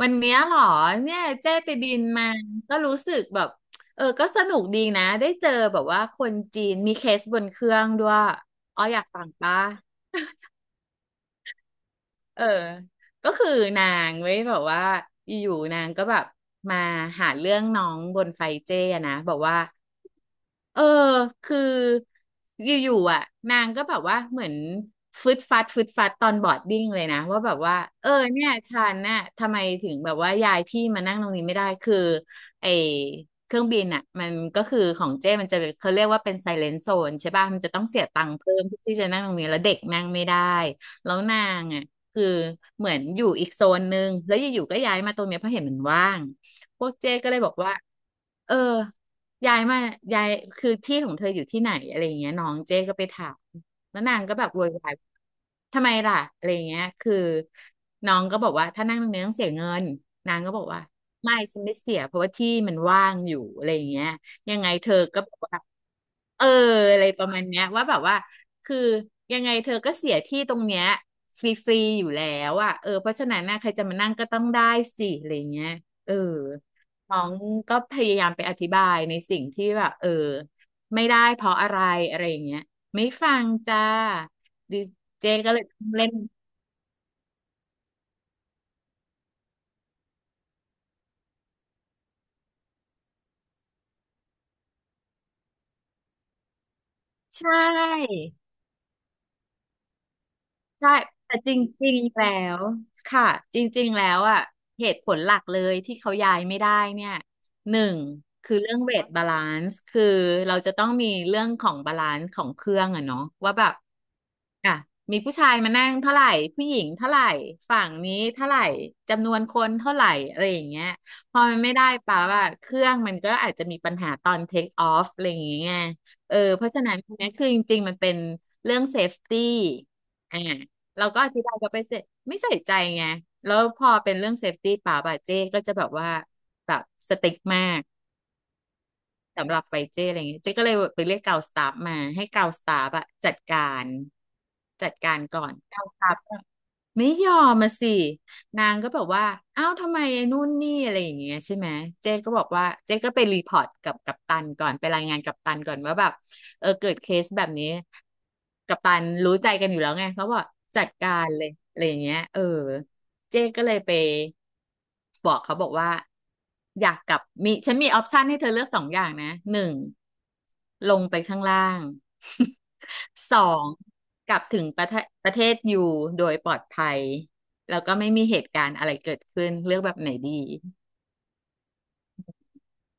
วันเนี้ยเหรอเนี่ยเจ้ไปบินมาก็รู้สึกแบบก็สนุกดีนะได้เจอแบบว่าคนจีนมีเคสบนเครื่องด้วยอ๋ออยากฟังปะเออก็คือนางเว้ยแบบว่าอยู่ๆนางก็แบบมาหาเรื่องน้องบนไฟเจ้อะนะบอกว่า เออคืออยู่ๆอ่ะนางก็แบบว่าเหมือนฟึดฟัดฟึดฟัดตอนบอร์ดดิ้งเลยนะว่าแบบว่าเออเนี่ยฉันน่ะทำไมถึงแบบว่าย้ายที่มานั่งตรงนี้ไม่ได้คือไอเครื่องบินอ่ะมันก็คือของเจ้มันจะเขาเรียกว่าเป็นไซเลน z โซนใช่ป่ะมันจะต้องเสียตังค์เพิ่มที่จะนั่งตรงนี้แล้วเด็กนั่งไม่ได้แล้วนางอ่ะคือเหมือนอยู่อีกโซนนึงแล้วอยู่ๆก็ย้ายมาตรงเนี้ยเพราะเห็นมันว่าง พวกเจ๊ก็เลยบอกว่าเออย้ายมายายคือที่ของเธออยู่ที่ไหนอะไรอย่างเงี้ยน้องเจ๊ก็ไปถามแล้วนางก็แบบโวยวายทำไมล่ะอะไรอย่างเงี้ยคือน้องก็บอกว่าถ้านั่งตรงนี้ต้องเสียเงินนางก็บอกว่าไม่ฉันไม่เสียเพราะว่าที่มันว่างอยู่อะไรอย่างเงี้ยยังไงเธอก็บอกว่าเอออะไรประมาณเนี้ยว่าแบบว่าคือยังไงเธอก็เสียที่ตรงเนี้ยฟรีๆอยู่แล้วอ่ะเออเพราะฉะนั้นนะใครจะมานั่งก็ต้องได้สิอะไรอย่างเงี้ยเออ น้องก็พยายามไปอธิบายในสิ่งที่แบบไม่ได้เพราะอะไรอะไรอย่างเงี้ยไม่ฟังจ้าดิเจก็เลยต้องเล่นใช่ใช่แต่จริงๆแล้วค่ะจริงๆแล้วอ่ะเหตุผลหลักเลยที่เขาย้ายไม่ได้เนี่ยหนึ่งคือเรื่องเวทบาลานซ์คือเราจะต้องมีเรื่องของบาลานซ์ของเครื่องอะเนาะว่าแบบ อ่ะมีผู้ชายมานั่งเท่าไหร่ผู้หญิงเท่าไหร่ฝั่งนี้เท่าไหร่จำนวนคนเท่าไหร่อะไรอย่างเงี้ยพอมันไม่ได้ป่าวว่าเครื่องมันก็อาจจะมีปัญหาตอนเทคออฟอะไรอย่างเงี้ยเออเพราะฉะนั้นตรงเนี้ยคือจริงๆมันเป็นเรื่องเซฟตี้อ่าเราก็อธิบายเขาไปเสร็จไม่ใส่ใจไงแล้วพอเป็นเรื่องเซฟตี้ป่าวป่ะเจ๊ก็จะแบบว่าแบบสติ๊กมาก สำหรับไฟเจ้อะไรเงี้ยเจ๊ก็เลยไปเรียกกาวสตาฟมาให้กาวสตาฟอะจัดการก่อนกาวสตาฟก็ไม่ยอมมาสินางก็แบบว่าอ้าวทำไมไอ้นู่นนี่อะไรอย่างเงี้ยใช่ไหมเจ๊ก็บอกว่าเจ๊ก็ไปรีพอร์ตกับกัปตันก่อนไปรายงานกัปตันก่อนว่าแบบเกิดเคสแบบนี้กัปตันรู้ใจกันอยู่แล้วไงเขาบอกจัดการเลยอะไรอย่างเงี้ยเจ๊ก็เลยไปบอกเขาบอกว่าอยากกลับมีฉันมีออปชันให้เธอเลือกสองอย่างนะหนึ่งลงไปข้างล่าง สองกลับถึงประเทศอยู่โดยปลอดภัยแล้วก็ไม่มีเหตุการณ์อะไรเกิดขึ้นเลือกแบบไหนดี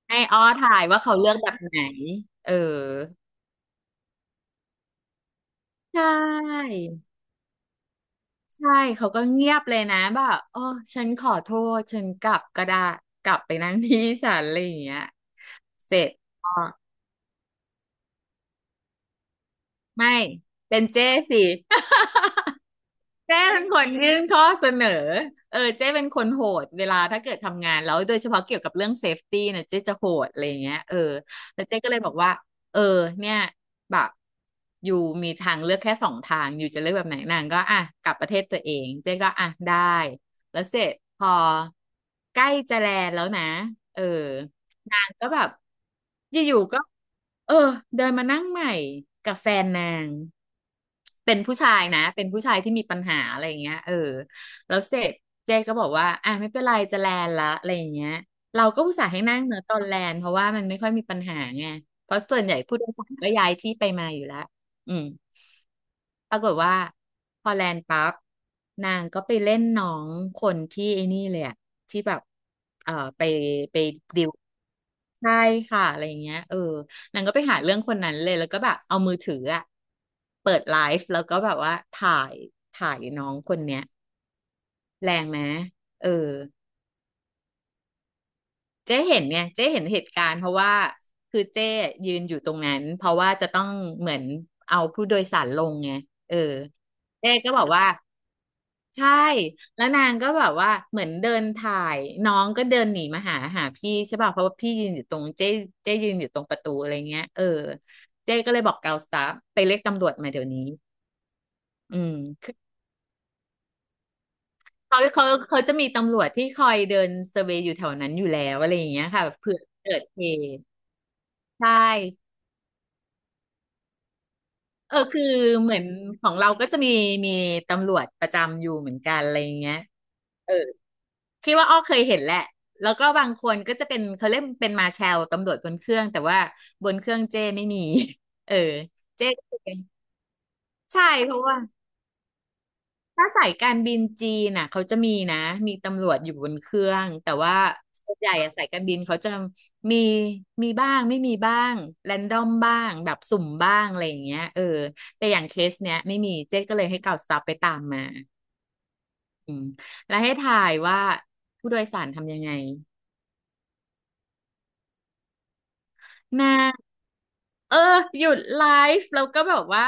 ให้อ้อถ่ายว่าเขาเลือกแบบไหนเออใช่ ใช่ เขาก็เงียบเลยนะ แบบโอ้ฉันขอโทษฉันกลับก็ได้ กลับไปนั่งที่ศาลอะไรอย่างเงี้ยเสร็จอ๋อไม่ เป็นเจ้สิ เจ้เป็นคนยื่นข้อเสนอเจ้เป็นคนโหดเวลาถ้าเกิดทำงานแล้วโดยเฉพาะเกี่ยวกับเรื่องเซฟตี้นะเจ้จะโหดอะไรอย่างเงี้ยแล้วเจ้ก็เลยบอกว่าเออเนี่ยแบบอยู่มีทางเลือกแค่สองทางอยู่จะเลือกแบบไหนนางก็อ่ะกลับประเทศตัวเองเจ้ก็อ่ะได้แล้วเสร็จพอใกล้จะแลนด์แล้วนะเออ นางก็แบบอยู่ๆก็เออเดินมานั่งใหม่กับแฟนนางเป็นผู้ชายนะเป็นผู้ชายที่มีปัญหาอะไรอย่างเงี้ยแล้วเสร็จเจ๊ก็บอกว่าอ่ะไม่เป็นไรจะแลนละอะไรอย่างเงี้ยเราก็อุตส่าห์ให้นั่งเนอะตอนแลนเพราะว่ามันไม่ค่อยมีปัญหาไงเพราะส่วนใหญ่ผู้โดยสารก็ย้ายที่ไปมาอยู่แล้วอืมปรากฏว่าพอแลนปั๊บนางก็ไปเล่นน้องคนที่ไอ้นี่เลยอะที่แบบไปไป ใช่ค่ะอะไรอย่างเงี้ยนางก็ไปหาเรื่องคนนั้นเลยแล้วก็แบบเอามือถืออะเปิดไลฟ์แล้วก็แบบว่าถ่ายน้องคนเนี้ยแรงไหมเออเจ๊เห็นเนี่ยเจ๊เห็นเหตุการณ์เพราะว่าคือเจ๊ยืนอยู่ตรงนั้นเพราะว่าจะต้องเหมือนเอาผู้โดยสารลงไงเออเจ๊ก็บอกว่า ใช่แล้วนางก็แบบว่าเหมือนเดินถ่ายน้องก็เดินหนีมาหาพี่ใช่ป่ะเพราะว่าพี่ยืนอยู่ตรงเจ๊เจ๊ยืนอยู่ตรงประตูอะไรเงี้ยเออเจ๊ก็เลยบอกเกาสตาฟไปเรียกตำรวจมาเดี๋ยวนี้อืมคือเขาเขาเขาจะมีตำรวจที่คอยเดินเซอร์เวย์อยู่แถวนั้นอยู่แล้วอะไรอย่างเงี้ยค่ะเผื่อเกิดเหตุใช่เออคือเหมือนของเราก็จะมีตำรวจประจำอยู่เหมือนกันอะไรอย่างเงี้ย คิดว่าอ้อเคยเห็นแหละแล้วก็บางคนก็จะเป็นเขาเรียกเป็นมาร์แชลตำรวจบนเครื่องแต่ว่าบนเครื่องเจ้ไม่มี เออเจ้ก็จะเป็นใช่เพราะว่าถ้าสายการบินจีนน่ะเขาจะมีนะมีตำรวจอยู่บนเครื่องแต่ว่าส่วนใหญ่อะสายการบินเขาจะมีมีบ้างไม่มีบ้างแรนดอมบ้างแบบสุ่มบ้างอะไรอย่างเงี้ยเออแต่อย่างเคสเนี้ยไม่มีเจ๊ก็เลยให้เก่าสตาฟไปตามมาอืมแล้วให้ถ่ายว่าผู้โดยสารทำยังไงนะ เออหยุดไลฟ์แล้วก็แบบว่า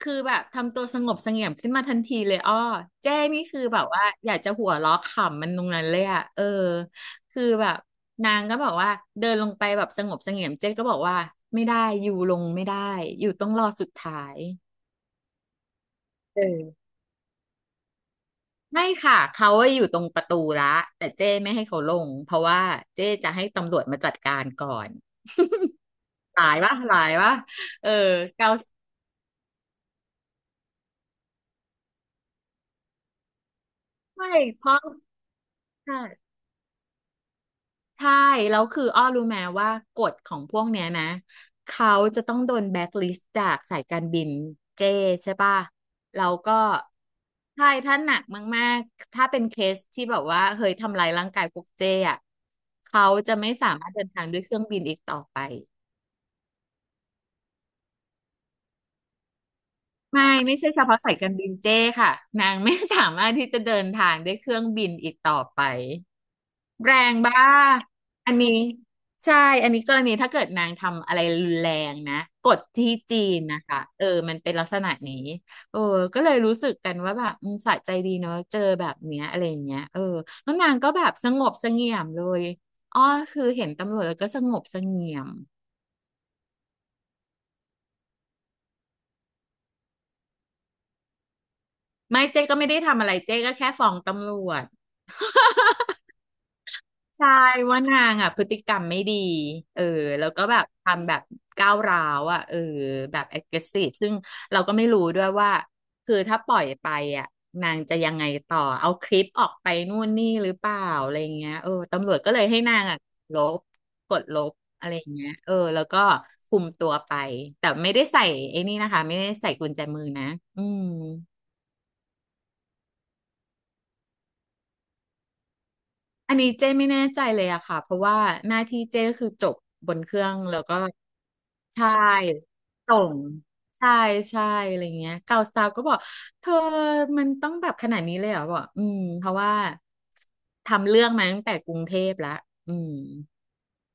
คือแบบทำตัวสงบเสงี่ยมขึ้นมาทันทีเลยอ้อเจ้นี่คือแบบว่าอยากจะหัวเราะขำมันตรงนั้นเลยอ่ะเออคือแบบนางก็บอกว่าเดินลงไปแบบสงบเสงี่ยมเจ้ก็บอกว่าไม่ได้อยู่ลงไม่ได้อยู่ต้องรอสุดท้ายเออไม่ค่ะเขาอะอยู่ตรงประตูละแต่เจ้ไม่ให้เขาลงเพราะว่าเจ้จะให้ตำรวจมาจัดการก่อนหลายวะหลายวะเออเกาไม่เพราะ ใช่แล้วคืออ้อรู้ไหมว่ากฎของพวกเนี้ยนะเขาจะต้องโดนแบ็คลิสต์จากสายการบินเจใช่ป่ะแล้วก็ใช่ถ้าหนักมากๆถ้าเป็นเคสที่แบบว่าเฮ้ยทำลายร่างกายพวกเจอ่ะเขาจะไม่สามารถเดินทางด้วยเครื่องบินอีกต่อไปไม่ไม่ใช่เฉพาะสายการบินเจค่ะนางไม่สามารถที่จะเดินทางด้วยเครื่องบินอีกต่อไป แรงบ้าอันนี้ใช่อันนี้กรณีถ้าเกิดนางทำอะไรรุนแรงนะกฎที่จีนนะคะเออมันเป็นลักษณะนี้เออก็เลยรู้สึกกันว่าแบบอืมสะใจดีเนาะเจอแบบเนี้ยอะไรอย่างเงี้ยเออแล้วนางก็แบบสงบเสงี่ยมเลยอ๋อคือเห็นตำรวจแล้วก็สงบเสงี่ยมไม่เจ๊ก็ไม่ได้ทำอะไรเจ๊ก็แค่ฟ้องตำรวจ ใช่ว่านางอ่ะพฤติกรรมไม่ดีเออแล้วก็แบบทำแบบก้าวร้าวอ่ะเออแบบ aggressive ซึ่งเราก็ไม่รู้ด้วยว่าคือถ้าปล่อยไปอ่ะนางจะยังไงต่อเอาคลิปออกไปนู่นนี่หรือเปล่าอะไรเงี้ยเออตำรวจก็เลยให้นางอ่ะลบกดลบอะไรเงี้ยเออแล้วก็คุมตัวไปแต่ไม่ได้ใส่ไอ้นี่นะคะไม่ได้ใส่กุญแจมือนะอืมอันนี้เจ้ไม่แน่ใจเลยอะค่ะเพราะว่าหน้าที่เจ้ก็คือจบบนเครื่องแล้วก็ ใช่ส่งใช่ใช่อะไรเงี้ยเก่าสาวก็บอกเธอมันต้องแบบขนาดนี้เลยเหรอบอกอืมเพราะว่าทำเรื่องมาตั้งแต่กรุงเทพแล้วอืม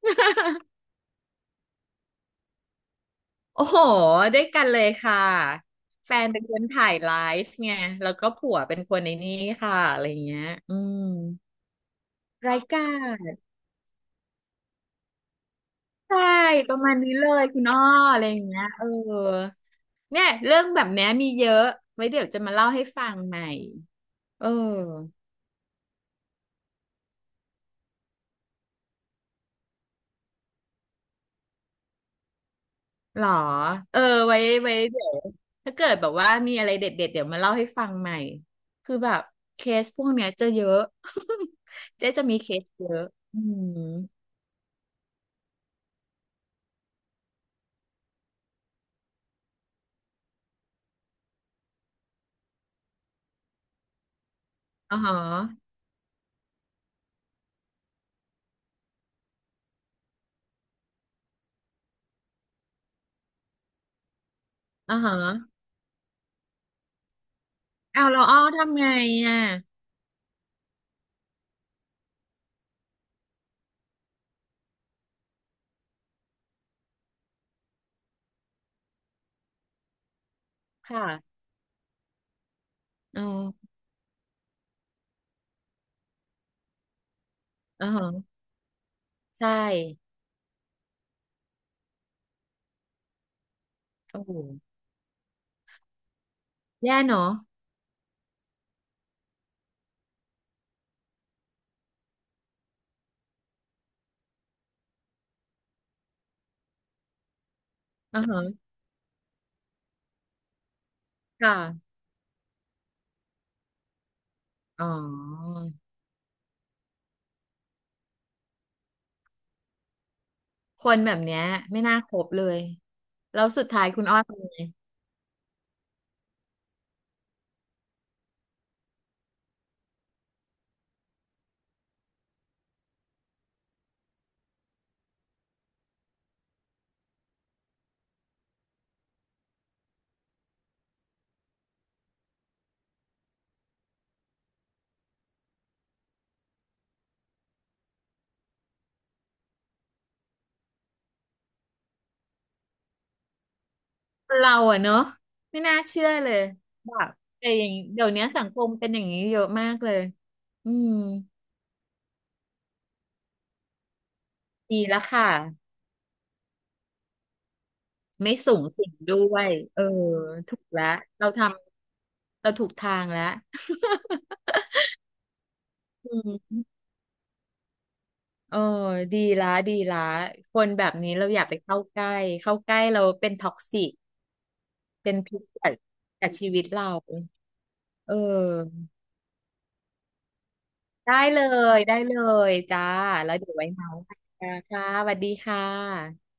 โอ้โหด้วยกันเลยค่ะแฟนเป็นคนถ่ายไลฟ์ไงแล้วก็ผัวเป็นคนในนี้ค่ะอะไรเงี้ยอืมรายการใช่ประมาณนี้เลยคุณอ้ออะไรอย่างเงี้ยเออเนี่ยเรื่องแบบเนี้ยมีเยอะไว้เดี๋ยวจะมาเล่าให้ฟังใหม่ เออหรอเออไว้ไว้เดี๋ยวถ้าเกิดแบบว่ามีอะไรเด็ดเด็ดเดี๋ยวมาเล่าให้ฟังใหม่คือแบบเคสพวกเนี้ยจะเยอะ เจ๊จะมีเคสเยอะอืมอ๋อฮะอ๋อฮะเอาเราอ้อทำไงอ่ะค่ะอ๋ออ๋อฮะใช่โอ้โหแย่เนอะอ๋อฮะค่ะอ๋อคนแบบเนี้ยไม่น่าคบเลยแล้วสุดท้ายคุณอ้อทำไง เราอะเนาะไม่น่าเชื่อเลยแบบแต่อย่างเดี๋ยวนี้สังคมเป็นอย่างนี้เยอะมากเลยอืมดีแล้วค่ะไม่สูงสิงด้วยเออถูกแล้วเราทำเราถูกทางแล้ว อืมเออดีละดีละคนแบบนี้เราอย่าไปเข้าใกล้เข้าใกล้เราเป็นท็อกซิกเป็นพิษกับกับชีวิตเราเออได้เลได้เลยจ้าแล้วเดี๋ยวไว้เมาส์กันค่ะสวัสดีค่ะ